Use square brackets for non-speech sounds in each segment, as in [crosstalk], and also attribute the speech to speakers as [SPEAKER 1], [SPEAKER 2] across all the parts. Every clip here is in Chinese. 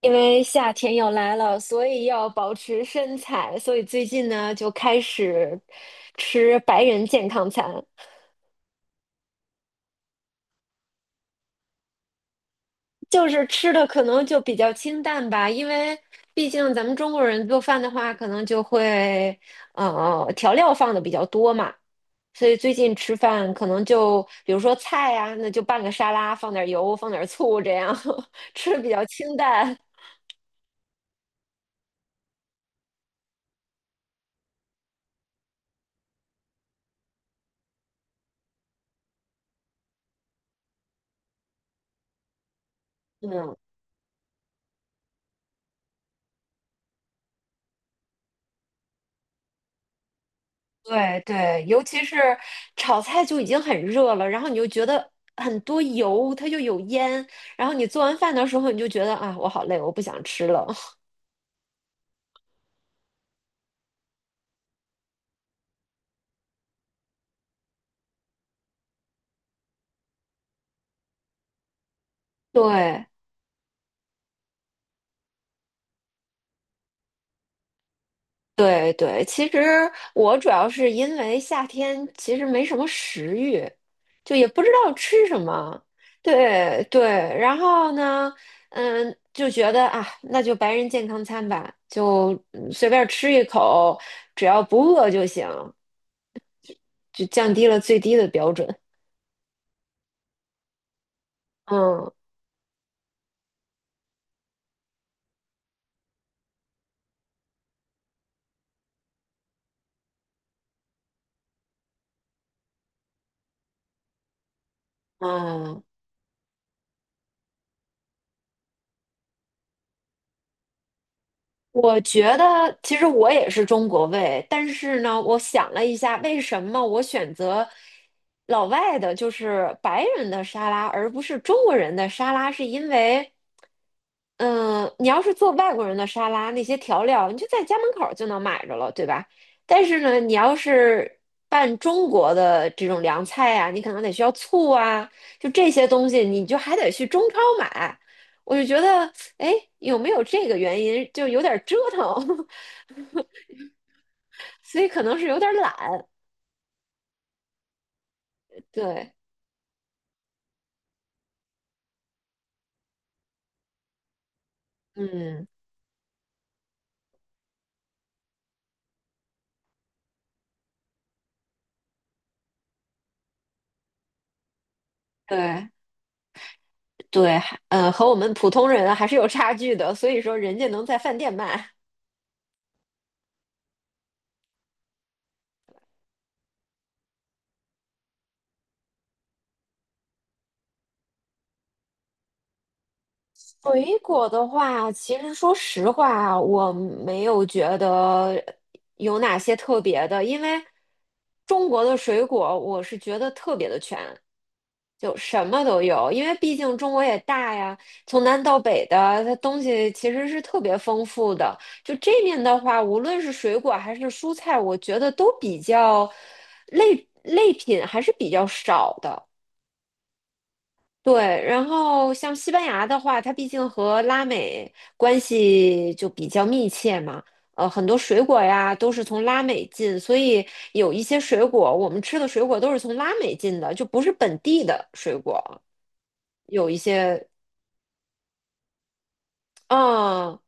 [SPEAKER 1] 因为夏天要来了，所以要保持身材，所以最近呢就开始吃白人健康餐，就是吃的可能就比较清淡吧，因为毕竟咱们中国人做饭的话，可能就会调料放的比较多嘛，所以最近吃饭可能就比如说菜呀、那就拌个沙拉，放点油，放点醋，这样 [laughs] 吃的比较清淡。嗯，对对，尤其是炒菜就已经很热了，然后你就觉得很多油，它就有烟，然后你做完饭的时候，你就觉得啊，我好累，我不想吃了。[laughs] 对对对，其实我主要是因为夏天其实没什么食欲，就也不知道吃什么。对对，然后呢，嗯，就觉得啊，那就白人健康餐吧，就随便吃一口，只要不饿就行。就降低了最低的标准。嗯嗯，我觉得其实我也是中国胃，但是呢，我想了一下，为什么我选择老外的，就是白人的沙拉，而不是中国人的沙拉，是因为，嗯、你要是做外国人的沙拉，那些调料你就在家门口就能买着了，对吧？但是呢，你要是拌中国的这种凉菜啊，你可能得需要醋啊，就这些东西，你就还得去中超买。我就觉得。哎，有没有这个原因？就有点折腾，[laughs] 所以可能是有点懒。对，嗯，对对，还，和我们普通人还是有差距的。所以说，人家能在饭店卖，水果的话，其实说实话，我没有觉得有哪些特别的，因为中国的水果我是觉得特别的全，就什么都有。因为毕竟中国也大呀，从南到北的，它东西其实是特别丰富的。就这面的话，无论是水果还是蔬菜，我觉得都比较类品还是比较少的。对，然后像西班牙的话，它毕竟和拉美关系就比较密切嘛，很多水果呀都是从拉美进，所以有一些水果我们吃的水果都是从拉美进的，就不是本地的水果。有一些，嗯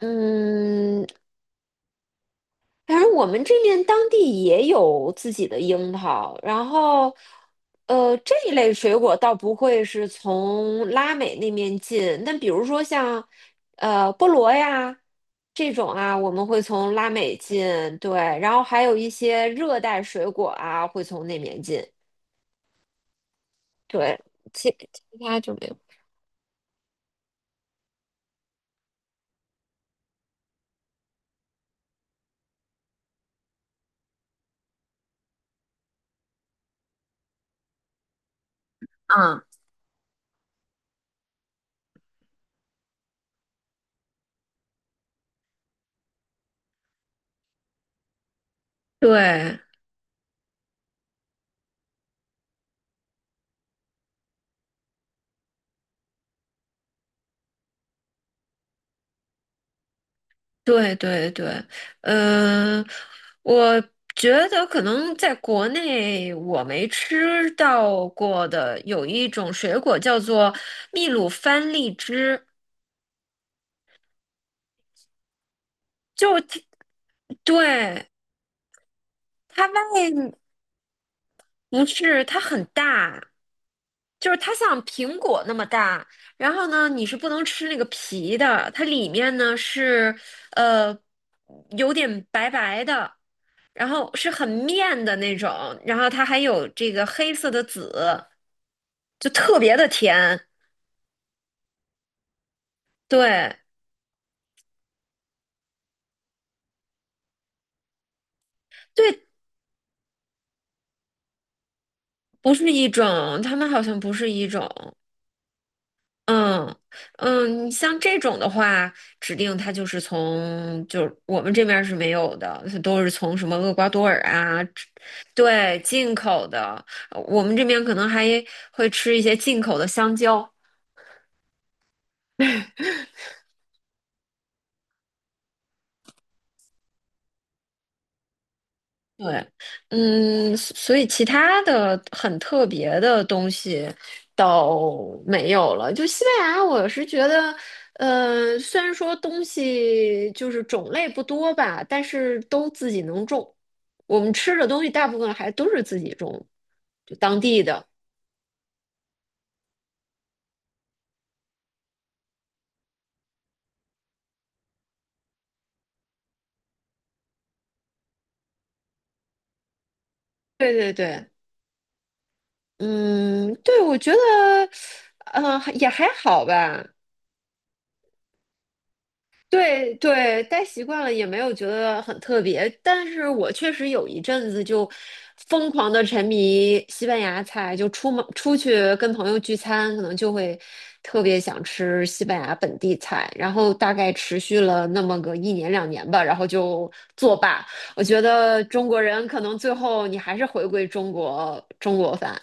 [SPEAKER 1] 嗯，反正我们这边当地也有自己的樱桃，然后，这一类水果倒不会是从拉美那边进，但比如说像，菠萝呀这种啊，我们会从拉美进，对，然后还有一些热带水果啊，会从那边进，对，其其他就没有。嗯，对，对对对，嗯，我觉得可能在国内我没吃到过的，有一种水果叫做秘鲁番荔枝，就它对它外不是，它很大，就是它像苹果那么大。然后呢，你是不能吃那个皮的，它里面呢是呃有点白白的，然后是很面的那种，然后它还有这个黑色的籽，就特别的甜。对对，不是一种，它们好像不是一种。嗯嗯，你像这种的话，指定它就是从，就是我们这边儿是没有的，都是从什么厄瓜多尔啊，吃对，进口的。我们这边可能还会吃一些进口的香蕉，对，嗯，所以其他的很特别的东西倒没有了。就西班牙，我是觉得，虽然说东西就是种类不多吧，但是都自己能种。我们吃的东西大部分还都是自己种，就当地的。对对对，嗯，对，我觉得，也还好吧。对对，待习惯了也没有觉得很特别，但是我确实有一阵子就疯狂的沉迷西班牙菜，就出门出去跟朋友聚餐，可能就会特别想吃西班牙本地菜，然后大概持续了那么个一年两年吧，然后就作罢。我觉得中国人可能最后你还是回归中国饭。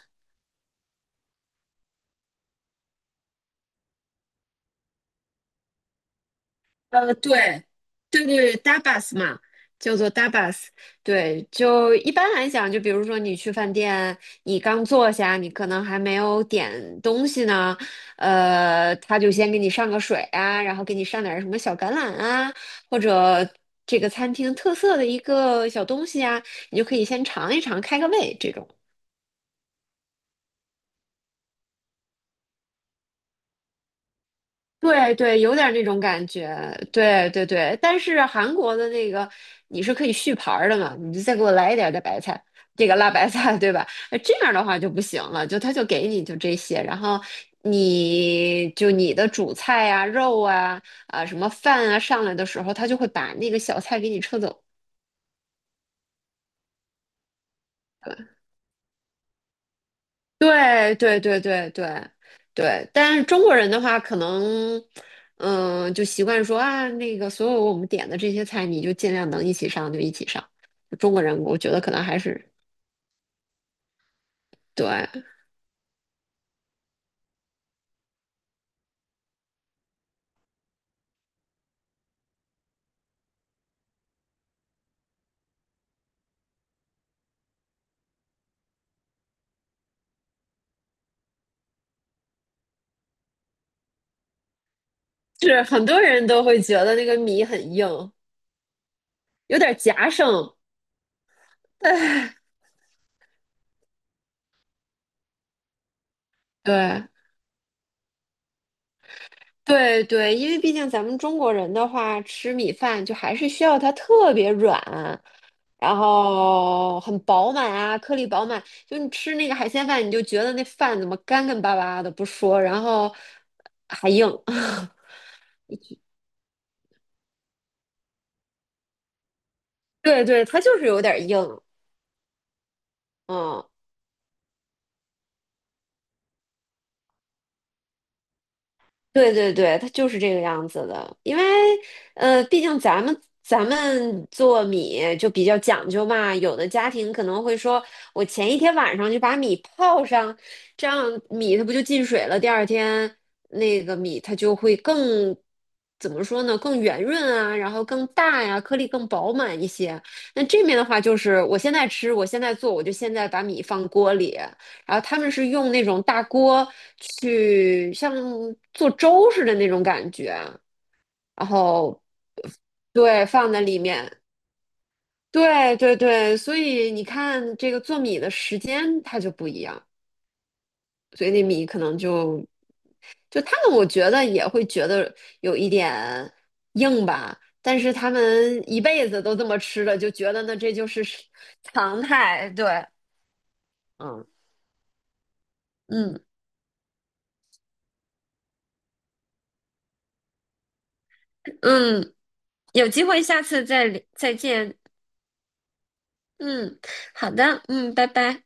[SPEAKER 1] 对，对对对，Dabas 嘛，叫做 Dabas。对，就一般来讲，就比如说你去饭店，你刚坐下，你可能还没有点东西呢，他就先给你上个水啊，然后给你上点儿什么小橄榄啊，或者这个餐厅特色的一个小东西啊，你就可以先尝一尝，开个胃这种。对对，有点那种感觉，对对对。但是韩国的那个你是可以续盘儿的嘛，你就再给我来一点儿的白菜，这个辣白菜，对吧？这样的话就不行了，就他就给你就这些，然后你就你的主菜啊、肉啊、啊什么饭啊上来的时候，他就会把那个小菜给你撤走。对对对对对对，但是中国人的话，可能嗯，就习惯说啊，那个所有我们点的这些菜，你就尽量能一起上就一起上。中国人我觉得可能还是对，是很多人都会觉得那个米很硬，有点夹生。[laughs] 对对对，因为毕竟咱们中国人的话，吃米饭就还是需要它特别软，然后很饱满啊，颗粒饱满。就你吃那个海鲜饭，你就觉得那饭怎么干干巴巴的不说，然后还硬。[laughs] 对对，它就是有点硬。嗯，对对对，它就是这个样子的，因为，毕竟咱们做米就比较讲究嘛，有的家庭可能会说，我前一天晚上就把米泡上，这样米它不就进水了？第二天那个米它就会更怎么说呢？更圆润啊，然后更大呀，颗粒更饱满一些。那这面的话就是，我现在吃，我现在做，我就现在把米放锅里。然后他们是用那种大锅去像做粥似的那种感觉，然后对放在里面，对对对，所以你看这个做米的时间它就不一样，所以那米可能就他们我觉得也会觉得有一点硬吧，但是他们一辈子都这么吃的，就觉得呢这就是常态，对，嗯嗯嗯，有机会下次再聊再见。嗯，好的，嗯，拜拜。